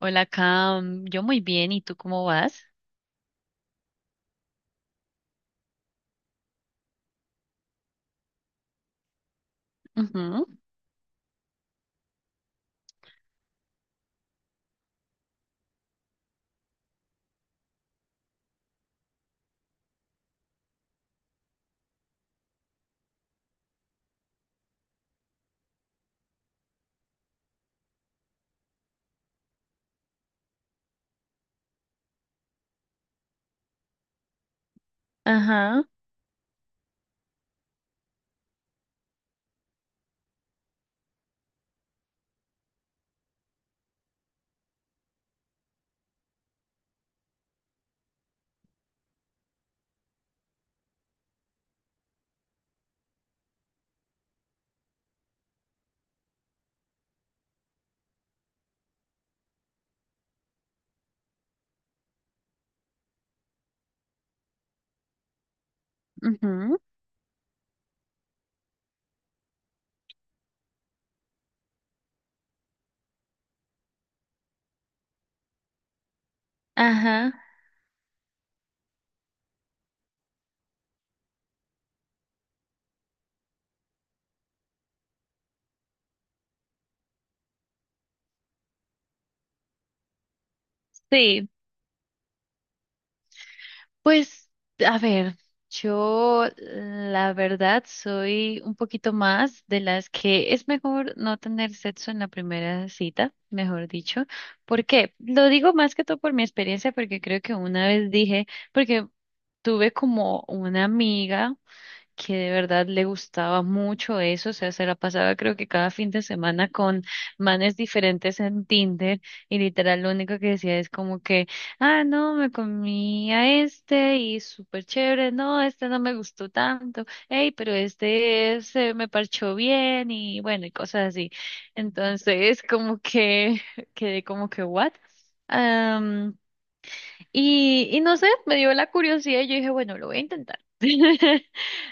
Hola, Cam. Yo muy bien. ¿Y tú cómo vas? Ujú. Ajá. Ujú. Ajá. Sí. Pues, a ver, yo la verdad soy un poquito más de las que es mejor no tener sexo en la primera cita, mejor dicho. ¿Por qué? Lo digo más que todo por mi experiencia, porque creo que una vez dije, porque tuve como una amiga. Que de verdad le gustaba mucho eso, o sea, se la pasaba creo que cada fin de semana con manes diferentes en Tinder y literal lo único que decía es como que, ah, no, me comí a este y súper chévere, no, este no me gustó tanto, hey, pero este se me parchó bien y bueno, y cosas así. Entonces, como que quedé como que, ¿what? Y no sé, me dio la curiosidad y yo dije, bueno, lo voy a intentar.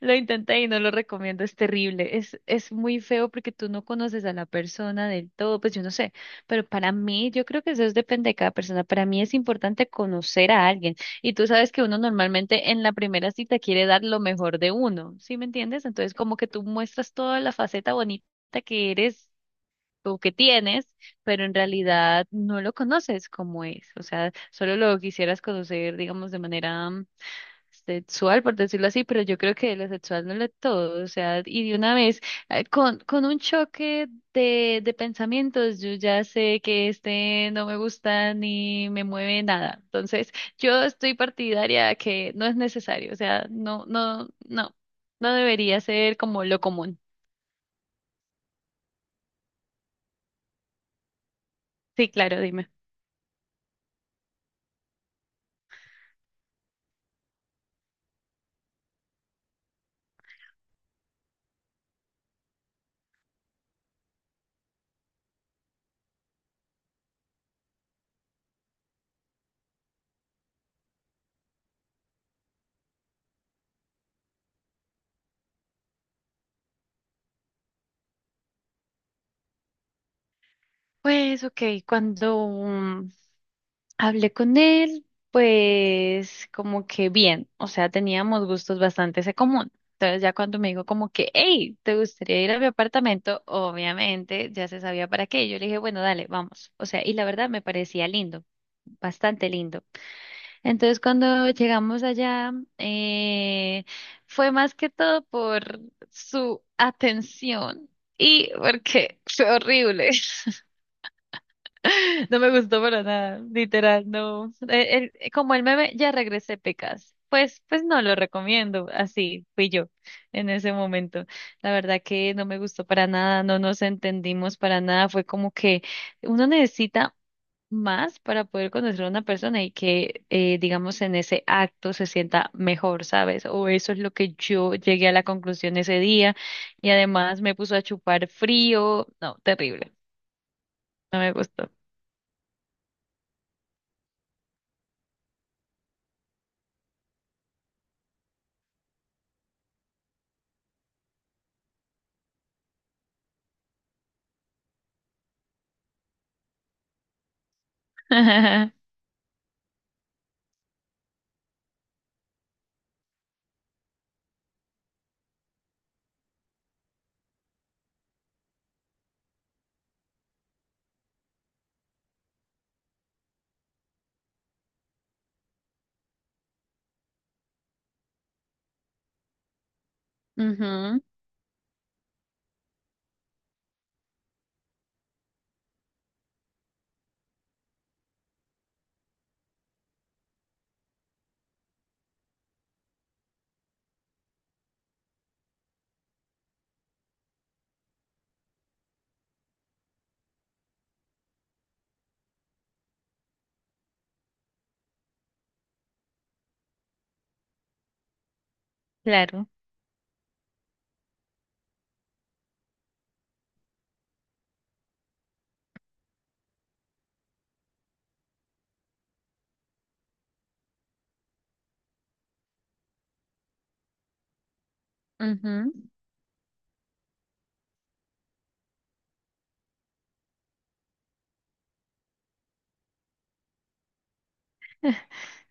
Lo intenté y no lo recomiendo, es terrible, es muy feo porque tú no conoces a la persona del todo, pues yo no sé, pero para mí, yo creo que eso es- depende de cada persona, para mí es importante conocer a alguien y tú sabes que uno normalmente en la primera cita quiere dar lo mejor de uno, ¿sí me entiendes? Entonces como que tú muestras toda la faceta bonita que eres o que tienes, pero en realidad no lo conoces como es. O sea, solo lo quisieras conocer, digamos, de manera sexual, por decirlo así, pero yo creo que lo sexual no lo es todo. O sea, y de una vez, con, un choque de, pensamientos, yo ya sé que este no me gusta ni me mueve nada. Entonces, yo estoy partidaria a que no es necesario. O sea, no, no, no, no debería ser como lo común. Sí, claro, dime. Pues, ok, cuando hablé con él, pues como que bien, o sea, teníamos gustos bastante en común. Entonces ya cuando me dijo como que, hey, ¿te gustaría ir a mi apartamento? Obviamente ya se sabía para qué. Yo le dije, bueno, dale, vamos. O sea, y la verdad me parecía lindo, bastante lindo. Entonces cuando llegamos allá, eh, fue más que todo por su atención y porque fue horrible. No me gustó para nada, literal, no. El- como el meme, ya regresé pecas. Pues no lo recomiendo. Así fui yo en ese momento. La verdad que no me gustó para nada, no nos entendimos para nada. Fue como que uno necesita más para poder conocer a una persona y que, digamos, en ese acto se sienta mejor, ¿sabes? O eso es lo que yo llegué a la conclusión ese día. Y además me puso a chupar frío. No, terrible. No me gustó. Ujú. Claro. Ujú.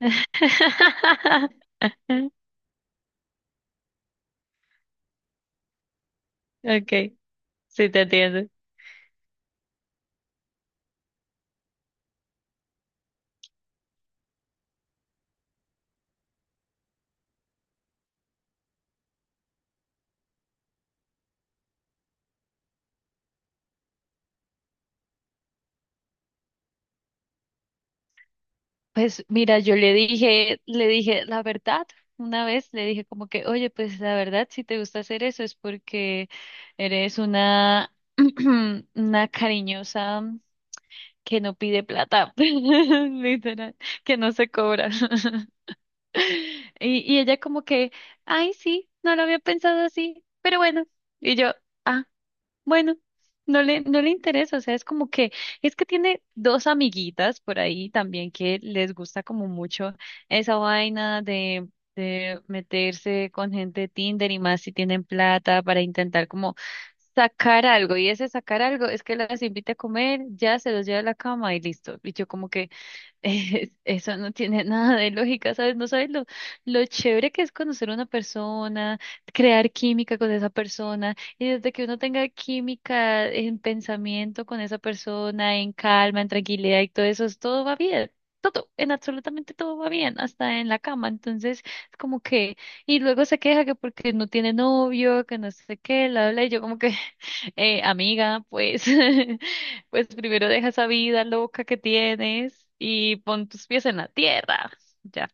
Okay, sí te entiendo. Pues mira, yo le dije la verdad. Una vez le dije como que, oye, pues la verdad, si te gusta hacer eso es porque eres una, una cariñosa que no pide plata, literal, que no se cobra. Y ella como que, ay, sí, no lo había pensado así, pero bueno. Y yo, ah. Bueno, no le interesa, o sea, es como que, es que tiene dos amiguitas por ahí también que les gusta como mucho esa vaina de, meterse con gente de Tinder y más si tienen plata para intentar como sacar algo, y ese sacar algo es que las invita a comer, ya se los lleva a la cama y listo. Y yo como que eh, eso no tiene nada de lógica, ¿sabes? No sabes lo, chévere que es conocer a una persona, crear química con esa persona, y desde que uno tenga química en pensamiento con esa persona, en calma, en tranquilidad y todo eso, es- todo va bien. Todo, en absolutamente todo va bien, hasta en la cama. Entonces, es como que, y luego se queja que porque no tiene novio, que no sé qué, la habla, y yo como que, amiga, pues, pues primero deja esa vida loca que tienes y pon tus pies en la tierra. Ya,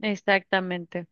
exactamente,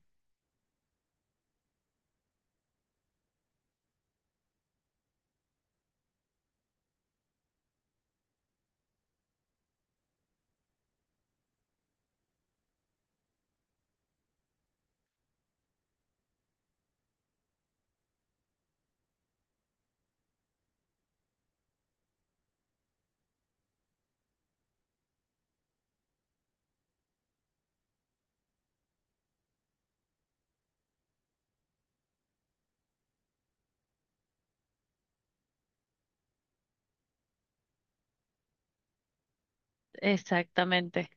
exactamente.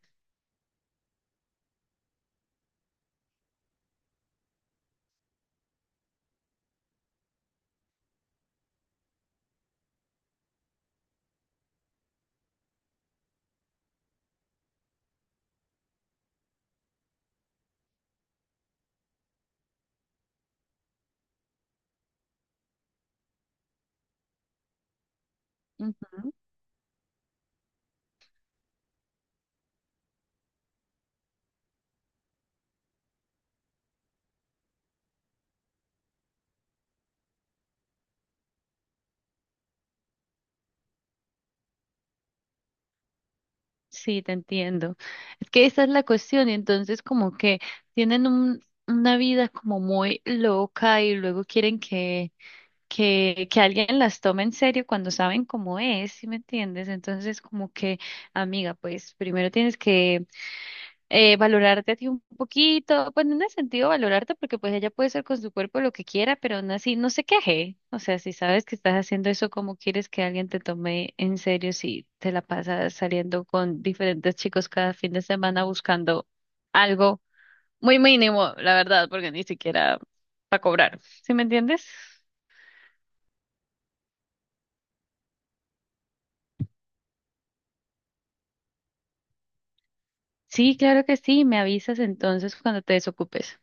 Ujú. Sí, te entiendo. Es que esa es la cuestión y entonces como que tienen un, una vida como muy loca y luego quieren que, alguien las tome en serio cuando saben cómo es, ¿sí me entiendes? Entonces como que, amiga, pues primero tienes que valorarte a ti un poquito, pues no en ese sentido valorarte porque pues ella puede hacer con su cuerpo lo que quiera, pero aún así no se queje. O sea, si sabes que estás haciendo eso, ¿cómo quieres que alguien te tome en serio si te la pasas saliendo con diferentes chicos cada fin de semana buscando algo muy mínimo, la verdad, porque ni siquiera para cobrar. ¿Sí me entiendes? Sí, claro que sí, me avisas entonces cuando te desocupes.